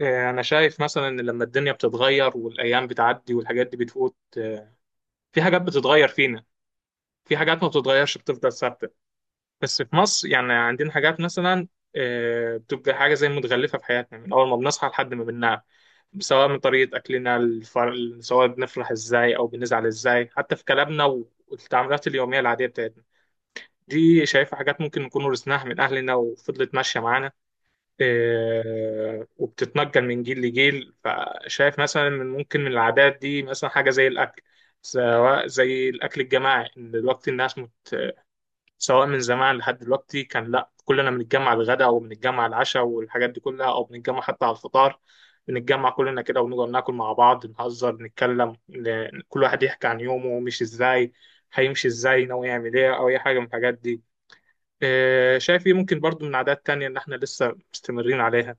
أنا شايف مثلا إن لما الدنيا بتتغير والأيام بتعدي والحاجات دي بتفوت، في حاجات بتتغير فينا، في حاجات ما بتتغيرش بتفضل ثابتة. بس في مصر يعني عندنا حاجات مثلا بتبقى حاجة زي متغلفة في حياتنا من أول ما بنصحى لحد ما بننام، سواء من طريقة أكلنا سواء بنفرح إزاي أو بنزعل إزاي، حتى في كلامنا والتعاملات اليومية العادية بتاعتنا. دي شايفة حاجات ممكن نكون ورثناها من أهلنا وفضلت ماشية معانا، وبتتنقل من جيل لجيل. فشايف مثلا من ممكن من العادات دي مثلا حاجة زي الأكل، سواء زي الأكل الجماعي إن دلوقتي الناس سواء من زمان لحد دلوقتي كان لأ كلنا بنتجمع الغداء وبنتجمع العشاء والحاجات دي كلها، أو بنتجمع حتى على الفطار. بنتجمع كلنا كده ونقعد ناكل مع بعض، نهزر نتكلم، كل واحد يحكي عن يومه مش إزاي هيمشي، إزاي ناوي يعمل إيه، أو أي حاجة من الحاجات دي. شايف إيه ممكن برضو من عادات تانية إن إحنا لسه مستمرين عليها.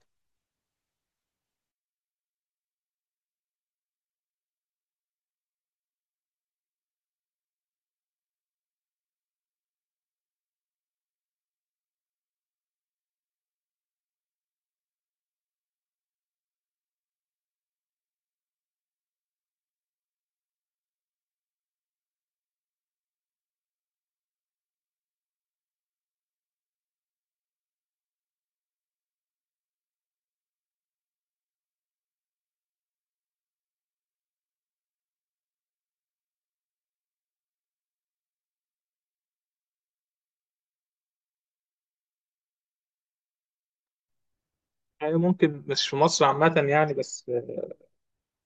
يعني ممكن مش في مصر عامة يعني، بس في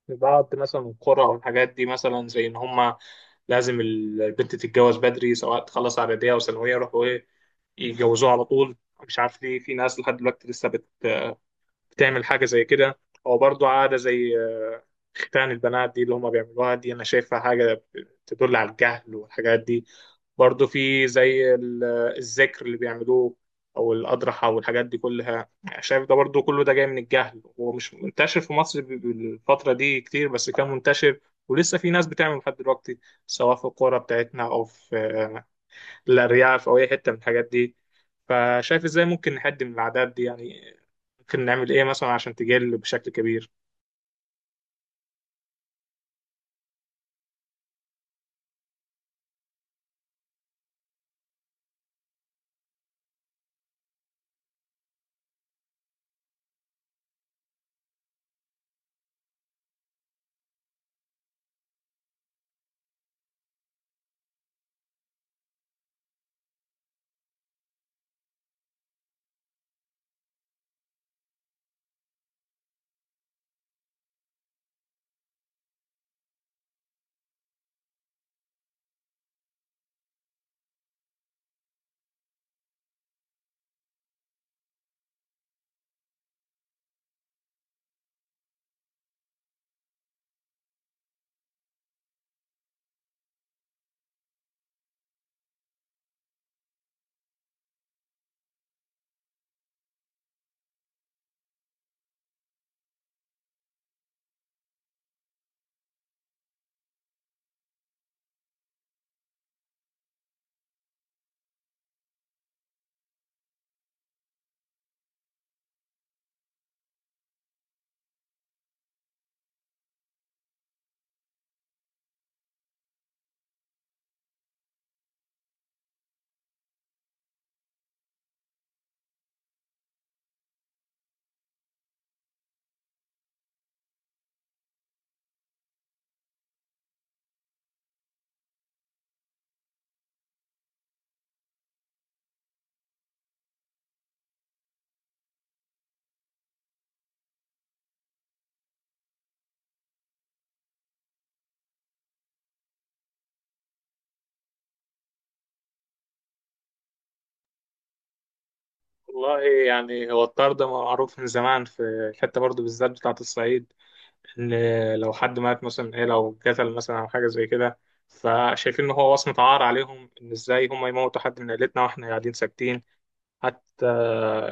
بعض مثلا القرى أو الحاجات دي، مثلا زي إن هما لازم البنت تتجوز بدري، سواء تخلص إعدادية أو ثانوية يروحوا إيه يتجوزوها على طول. مش عارف ليه في ناس لحد دلوقتي لسه تعمل حاجة زي كده. أو برضو عادة زي ختان البنات دي اللي هما بيعملوها، دي أنا شايفها حاجة تدل على الجهل والحاجات دي. برضو في زي ال- آه، الذكر اللي بيعملوه، أو الأضرحة والحاجات دي كلها. شايف ده برضو كله ده جاي من الجهل، ومش منتشر في مصر بالفترة دي كتير، بس كان منتشر ولسه في ناس بتعمل لحد دلوقتي، سواء في القرى بتاعتنا أو في الأرياف أو أي حتة من الحاجات دي. فشايف ازاي ممكن نحد من العادات دي يعني، ممكن نعمل إيه مثلا عشان تقل بشكل كبير. والله يعني هو الطرد معروف من زمان في الحتة برضو بالذات بتاعة الصعيد. إن لو حد مات مثلا، إيه، لو قتل مثلا أو حاجة زي كده، فشايفين إن هو وصمة عار عليهم، إن إزاي هم يموتوا حد من عيلتنا وإحنا قاعدين ساكتين. حتى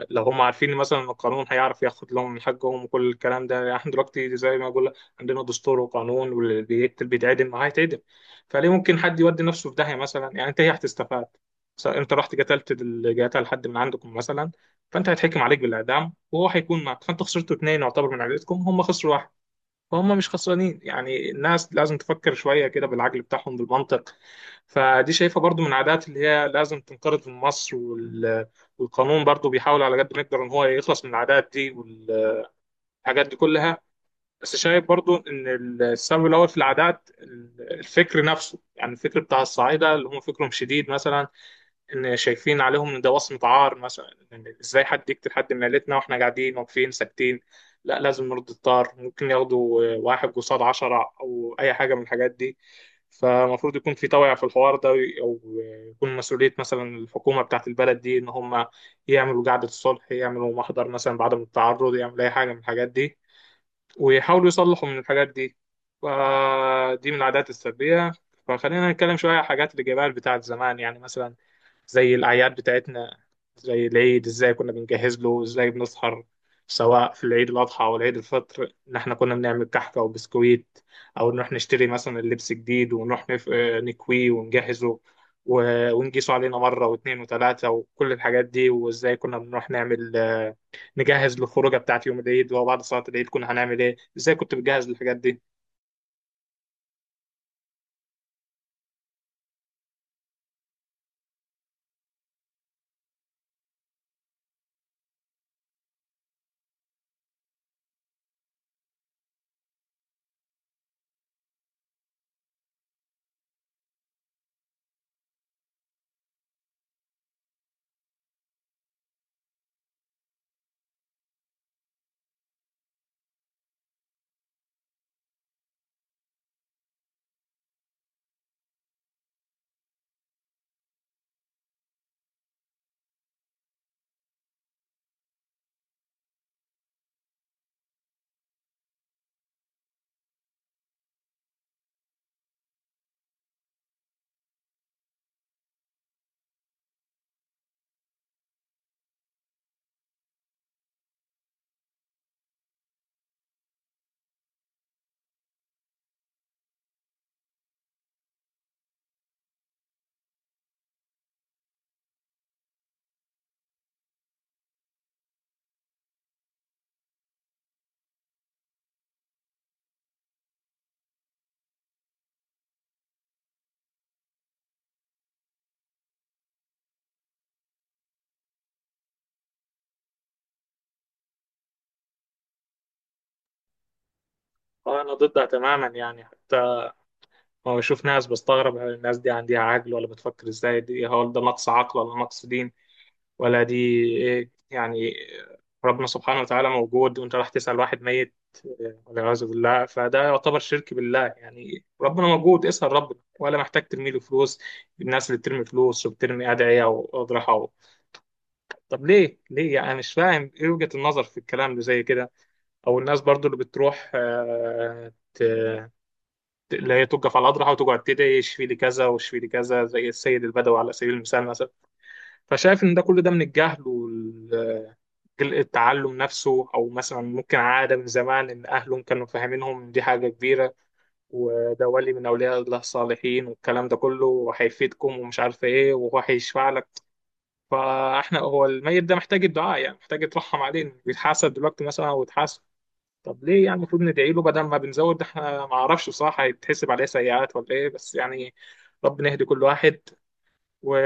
لو هم عارفين مثلا ان القانون هيعرف ياخد لهم من حقهم وكل الكلام ده. يعني احنا دلوقتي زي ما بقول لك، عندنا دستور وقانون، واللي بيقتل بيتعدم ما هيتعدم. فليه ممكن حد يودي نفسه في داهيه مثلا، يعني انت ايه هتستفاد؟ انت رحت قتل حد من عندكم مثلا، فانت هيتحكم عليك بالاعدام وهو هيكون معك، فانت خسرتوا اتنين يعتبر من عائلتكم، هم خسروا واحد، فهم مش خسرانين. يعني الناس لازم تفكر شوية كده بالعقل بتاعهم بالمنطق. فدي شايفة برضو من العادات اللي هي لازم تنقرض من مصر والقانون برضو بيحاول على قد ما يقدر ان هو يخلص من العادات دي والحاجات دي كلها. بس شايف برضو ان السبب الاول في العادات الفكر نفسه، يعني الفكر بتاع الصعايدة اللي هم فكرهم شديد مثلا، ان شايفين عليهم ان ده وصمة عار مثلا، إن ازاي حد يقتل حد من عيلتنا واحنا قاعدين واقفين ساكتين. لا لازم نرد الطار، ممكن ياخدوا واحد قصاد عشرة او اي حاجة من الحاجات دي. فالمفروض يكون في توعية في الحوار ده، او يكون مسؤولية مثلا الحكومة بتاعة البلد دي ان هم يعملوا قعدة الصلح، يعملوا محضر مثلا بعدم التعرض، يعملوا اي حاجة من الحاجات دي، ويحاولوا يصلحوا من الحاجات دي. فدي من العادات السلبية. فخلينا نتكلم شوية عن الحاجات الإيجابية بتاعت زمان، يعني مثلا زي الأعياد بتاعتنا، زي العيد إزاي كنا بنجهز له، إزاي بنسهر، سواء في العيد الأضحى أو العيد الفطر، إن إحنا كنا بنعمل كحكة وبسكويت، أو نروح نشتري مثلا اللبس جديد ونروح نف... آه، نكويه ونجهزه و... ونقيسه علينا مرة واتنين وتلاتة وكل الحاجات دي. وإزاي كنا بنروح نعمل نجهز للخروجة بتاعت يوم العيد، وبعد صلاة العيد كنا هنعمل إيه، إزاي كنت بتجهز للحاجات دي؟ أنا ضدها تماما يعني، ما بشوف ناس بستغرب، هل الناس دي عندها عقل ولا بتفكر ازاي؟ دي هل ده نقص عقل ولا نقص دين، ولا دي ايه يعني؟ ربنا سبحانه وتعالى موجود، وانت راح تسأل واحد ميت، والعياذ بالله. فده يعتبر شرك بالله، يعني ربنا موجود، اسأل ربنا، ولا محتاج ترمي له فلوس. الناس اللي بترمي فلوس وبترمي أدعية وأضرحة طب ليه؟ ليه يعني؟ أنا مش فاهم ايه وجهة النظر في الكلام اللي زي كده. او الناس برضو اللي بتروح اللي هي توقف على الاضرحه وتقعد تدعي اشفي لي كذا واشفي لي كذا، زي السيد البدوي على سبيل المثال مثلا. فشايف ان ده كل ده من الجهل التعلم نفسه، او مثلا ممكن عاده من زمان ان اهلهم كانوا فاهمينهم إن دي حاجه كبيره وده ولي من اولياء الله الصالحين، والكلام ده كله هيفيدكم ومش عارف ايه وهو هيشفع لك. فاحنا هو الميت ده محتاج الدعاء يعني، محتاج يترحم عليه، بيتحاسب دلوقتي مثلا او يتحاسب. طب ليه يعني؟ المفروض ندعي له بدل ما بنزود. ده احنا ما اعرفش بصراحه هيتحسب عليه سيئات ولا ايه، بس يعني ربنا يهدي كل واحد و...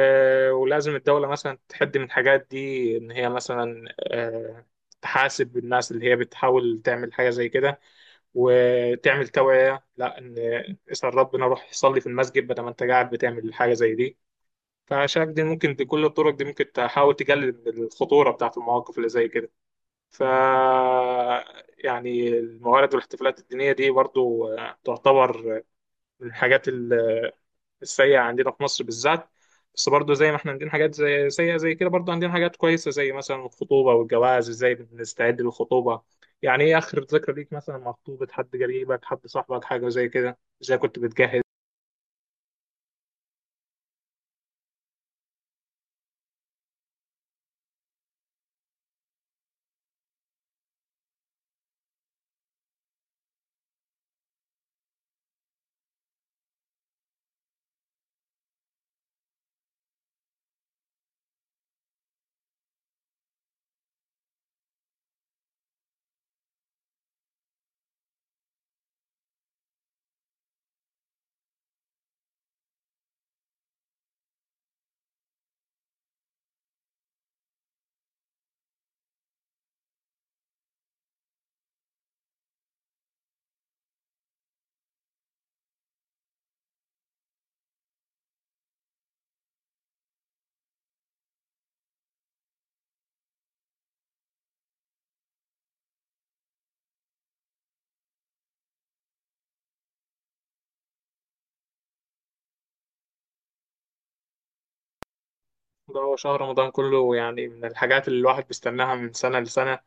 ولازم الدوله مثلا تحد من الحاجات دي، ان هي مثلا تحاسب الناس اللي هي بتحاول تعمل حاجه زي كده، وتعمل توعيه، لا ان اسال ربنا، روح صلي في المسجد بدل ما انت قاعد بتعمل حاجه زي دي. فشايف دي ممكن بكل الطرق دي ممكن تحاول تقلل من الخطوره بتاعت المواقف اللي زي كده. ف يعني الموارد والاحتفالات الدينية دي برضو تعتبر من الحاجات السيئة عندنا في مصر بالذات. بس برضو زي ما احنا عندنا حاجات زي سيئة زي كده، برضو عندنا حاجات كويسة زي مثلا الخطوبة والجواز، ازاي بنستعد للخطوبة؟ يعني ايه آخر ذكرى ليك مثلا مع خطوبة حد قريبك، حد صاحبك، حاجة زي كده، ازاي كنت بتجهز؟ ده هو شهر رمضان كله يعني من الحاجات اللي الواحد بيستناها من سنة لسنة،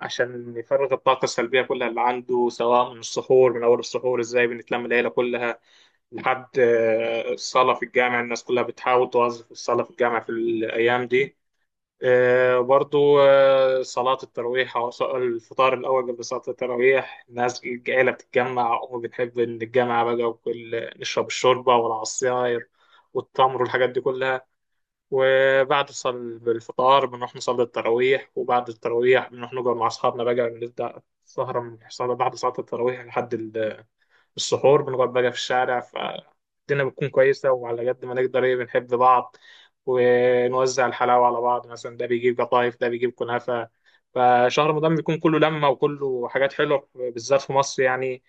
عشان يفرغ الطاقة السلبية كلها اللي عنده، سواء من السحور، من أول السحور إزاي بنتلم العيلة كلها لحد الصلاة في الجامع، الناس كلها بتحاول توظف الصلاة في الجامع في الأيام دي. برضو صلاة التراويح، أو الفطار الأول قبل صلاة التراويح الناس العيلة بتتجمع، وبنحب نتجمع بقى، وكل نشرب الشوربة والعصاير والتمر والحاجات دي كلها. وبعد الفطار بنروح نصلي التراويح، وبعد التراويح بنروح نقعد مع أصحابنا بقى، بنبدأ السهرة من السهرة بعد صلاة التراويح لحد السحور، بنقعد بقى في الشارع. فالدنيا بتكون كويسة، وعلى قد ما نقدر إيه بنحب بعض، ونوزع الحلاوة على بعض، مثلا ده بيجيب قطايف ده بيجيب كنافة. فشهر رمضان بيكون كله لمة وكله حاجات حلوة بالذات في مصر يعني.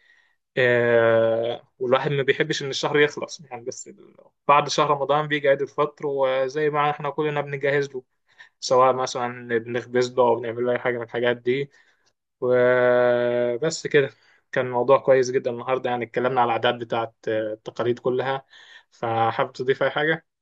والواحد ما بيحبش ان الشهر يخلص يعني. بعد شهر رمضان بيجي عيد الفطر، وزي ما احنا كلنا بنجهز له، سواء مثلا بنخبز له او بنعمل له اي حاجه من الحاجات دي. وبس كده. كان موضوع كويس جدا النهارده يعني، اتكلمنا على الاعداد بتاعت التقاليد كلها. فحابب تضيف اي حاجه؟